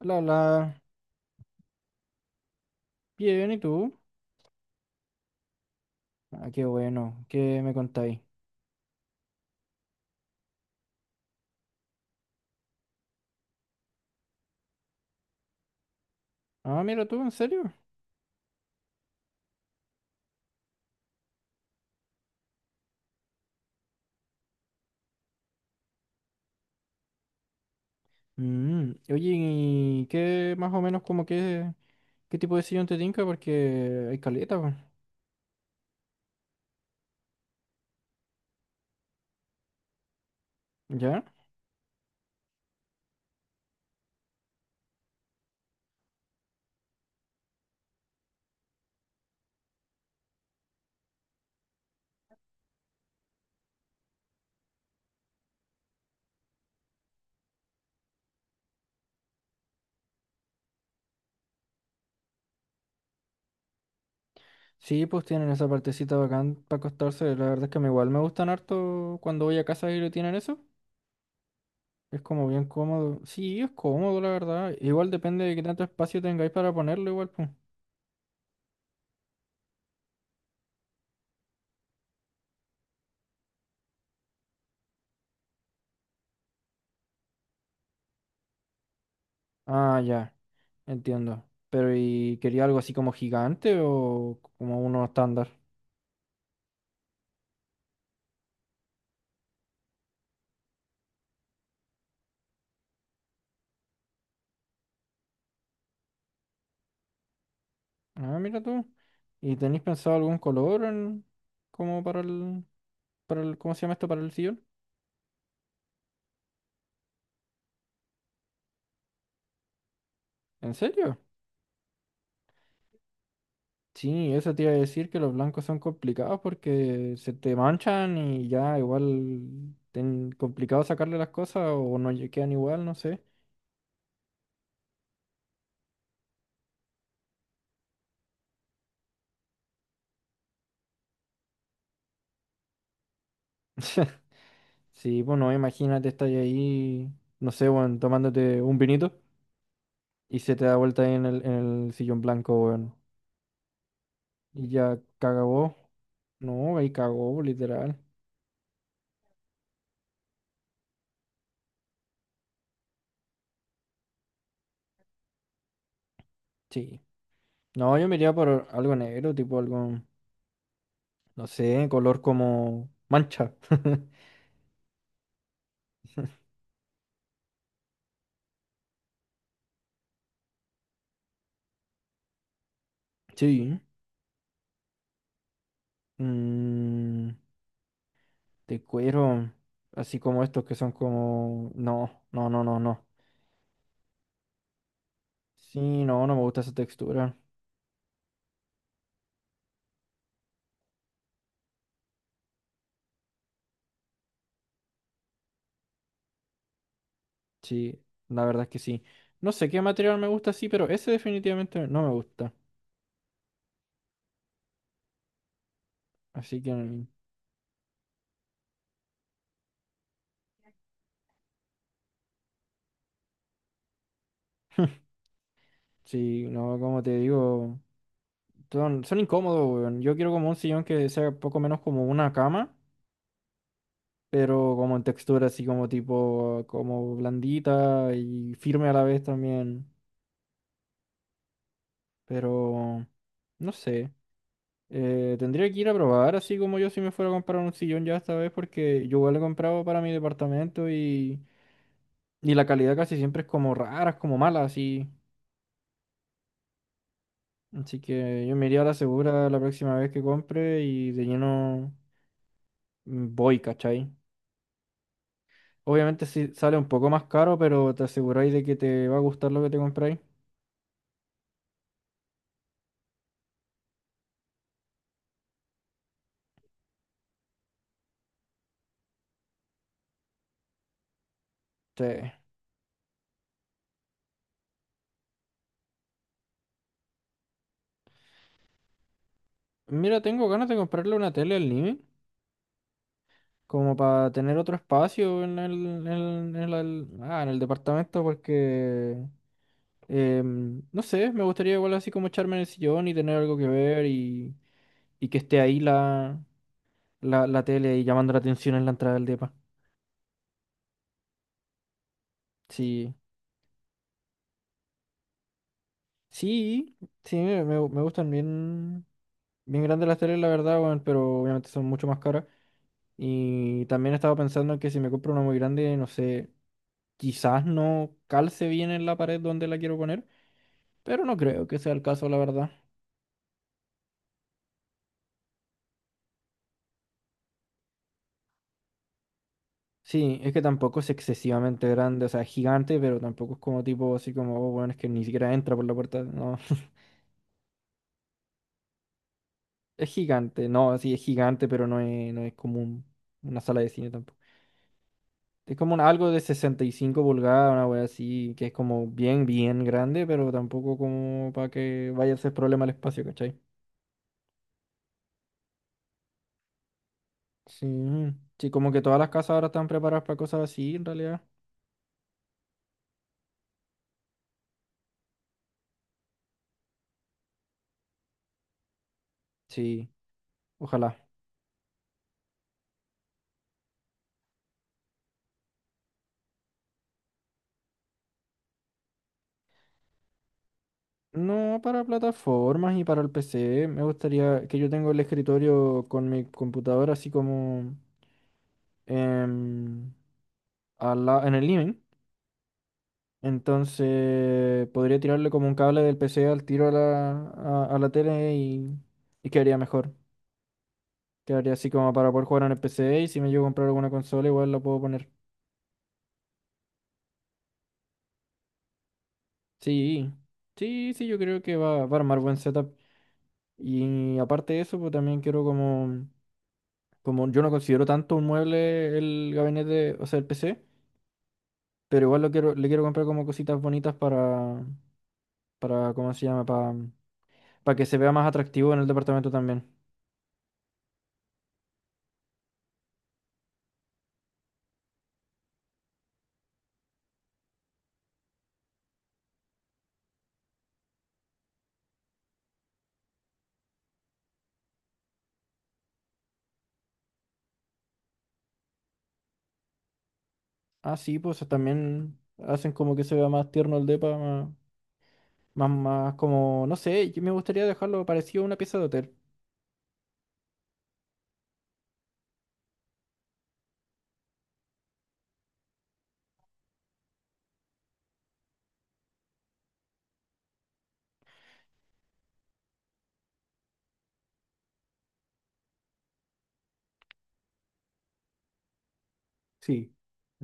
La, bien, ¿y tú? Ah, qué bueno, ¿qué me contáis? Ah, mira tú, ¿en serio? Oye, ¿y qué más o menos qué tipo de sillón te tinca? Porque hay caleta, pues. ¿Ya? Sí, pues tienen esa partecita bacán para acostarse, la verdad es que me igual me gustan harto cuando voy a casa y le tienen eso. Es como bien cómodo. Sí, es cómodo, la verdad. Igual depende de qué tanto espacio tengáis para ponerlo, igual, pues. Ah, ya. Entiendo. Pero ¿y quería algo así como gigante o como uno estándar? Ah, mira tú. ¿Y tenéis pensado algún color como para para el, ¿cómo se llama esto? Para el sillón. ¿En serio? Sí, eso te iba a decir que los blancos son complicados porque se te manchan y ya igual ten complicado sacarle las cosas o no quedan igual, no sé. Sí, bueno, imagínate, estás ahí, no sé, bueno, tomándote un vinito y se te da vuelta ahí en en el sillón blanco, weón. Y ya cagó. No, ahí cagó, literal. Sí. No, yo me iría por algo negro, tipo algo, no sé, color como mancha. Sí. Mm, de cuero, así como estos que son como... No, no, no, no, no. Sí, no, no me gusta esa textura. Sí, la verdad es que sí. No sé qué material me gusta, sí, pero ese definitivamente no me gusta. Así que... Sí, no, como te digo. Son incómodos, weón. Yo quiero como un sillón que sea poco menos como una cama, pero como en textura así como tipo, como blandita y firme a la vez también. Pero, no sé. Tendría que ir a probar así como yo si me fuera a comprar un sillón ya esta vez porque yo igual he comprado para mi departamento y la calidad casi siempre es como rara, es como mala así. Así que yo me iría a la segura la próxima vez que compre y de lleno mm, voy, ¿cachai? Obviamente sí sale un poco más caro, pero te aseguráis de que te va a gustar lo que te compráis. Sí. Mira, tengo ganas de comprarle una tele al living, como para tener otro espacio en en el departamento, porque, no sé, me gustaría igual así como echarme en el sillón y tener algo que ver y que esté ahí la tele y llamando la atención en la entrada del depa. Sí, sí, sí, me gustan bien, bien grandes las teles, la verdad, weón, pero obviamente son mucho más caras. Y también estaba pensando que si me compro una muy grande, no sé, quizás no calce bien en la pared donde la quiero poner, pero no creo que sea el caso, la verdad. Sí, es que tampoco es excesivamente grande, o sea, es gigante, pero tampoco es como tipo así como, oh, bueno, es que ni siquiera entra por la puerta, no. Es gigante, no, sí, es gigante, pero no es como una sala de cine tampoco. Es como algo de 65 pulgadas, una wea así, que es como bien, bien grande, pero tampoco como para que vaya a ser problema el espacio, ¿cachai? Sí, sí, como que todas las casas ahora están preparadas para cosas así, en realidad. Sí, ojalá. No, para plataformas y para el PC. Me gustaría que yo tengo el escritorio con mi computadora así como em, al en el living. Entonces podría tirarle como un cable del PC al tiro a a la tele y quedaría mejor. Quedaría así como para poder jugar en el PC y si me llego a comprar alguna consola igual la puedo poner. Sí, sí, sí, yo creo que va a armar buen setup. Y aparte de eso, pues también quiero como yo no considero tanto un mueble el gabinete, o sea, el PC, pero igual lo quiero, le quiero comprar como cositas bonitas para, ¿cómo se llama? Para que se vea más atractivo en el departamento también. Ah, sí, pues también hacen como que se vea más tierno el depa, más, más, más como, no sé, yo me gustaría dejarlo parecido a una pieza de hotel. Sí.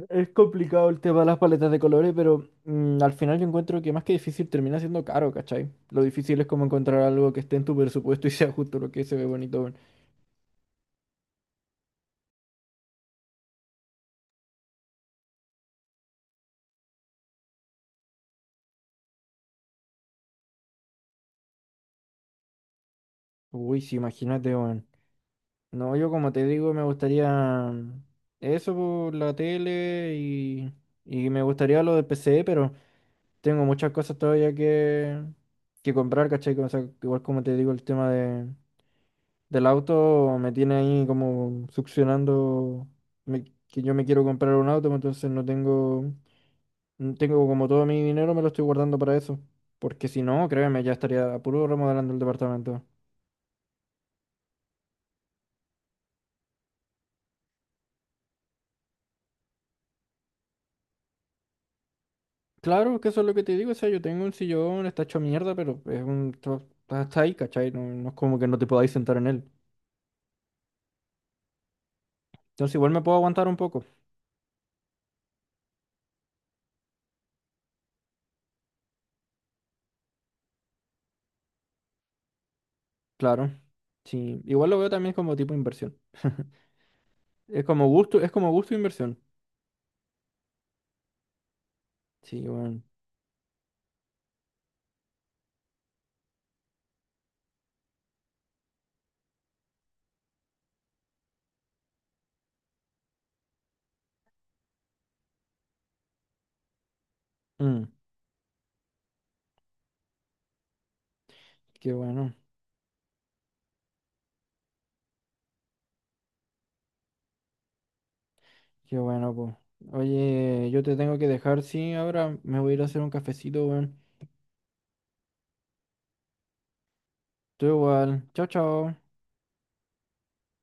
Es complicado el tema de las paletas de colores, pero al final yo encuentro que más que difícil termina siendo caro, ¿cachai? Lo difícil es como encontrar algo que esté en tu presupuesto y sea justo lo que se ve bonito, weón. Uy, sí, imagínate, weón. No, yo como te digo, me gustaría mm, eso por la tele y me gustaría lo del PC, pero tengo muchas cosas todavía que comprar, ¿cachai? O sea, igual como te digo, el tema del auto me tiene ahí como succionando que yo me quiero comprar un auto, pues, entonces no tengo, no tengo como todo mi dinero, me lo estoy guardando para eso. Porque si no, créeme, ya estaría a puro remodelando el departamento. Claro que eso es lo que te digo, o sea, yo tengo un sillón, está hecho mierda, pero es un, está está ahí, ¿cachai? No, no es como que no te podáis sentar en él. Entonces igual me puedo aguantar un poco, claro. Sí, igual lo veo también como tipo inversión. Es como gusto e inversión. Sí, bueno. Mm, qué bueno. Qué bueno, pues. Oye, yo te tengo que dejar, sí, ahora me voy a ir a hacer un cafecito, weón. Tú igual. Chao, chao.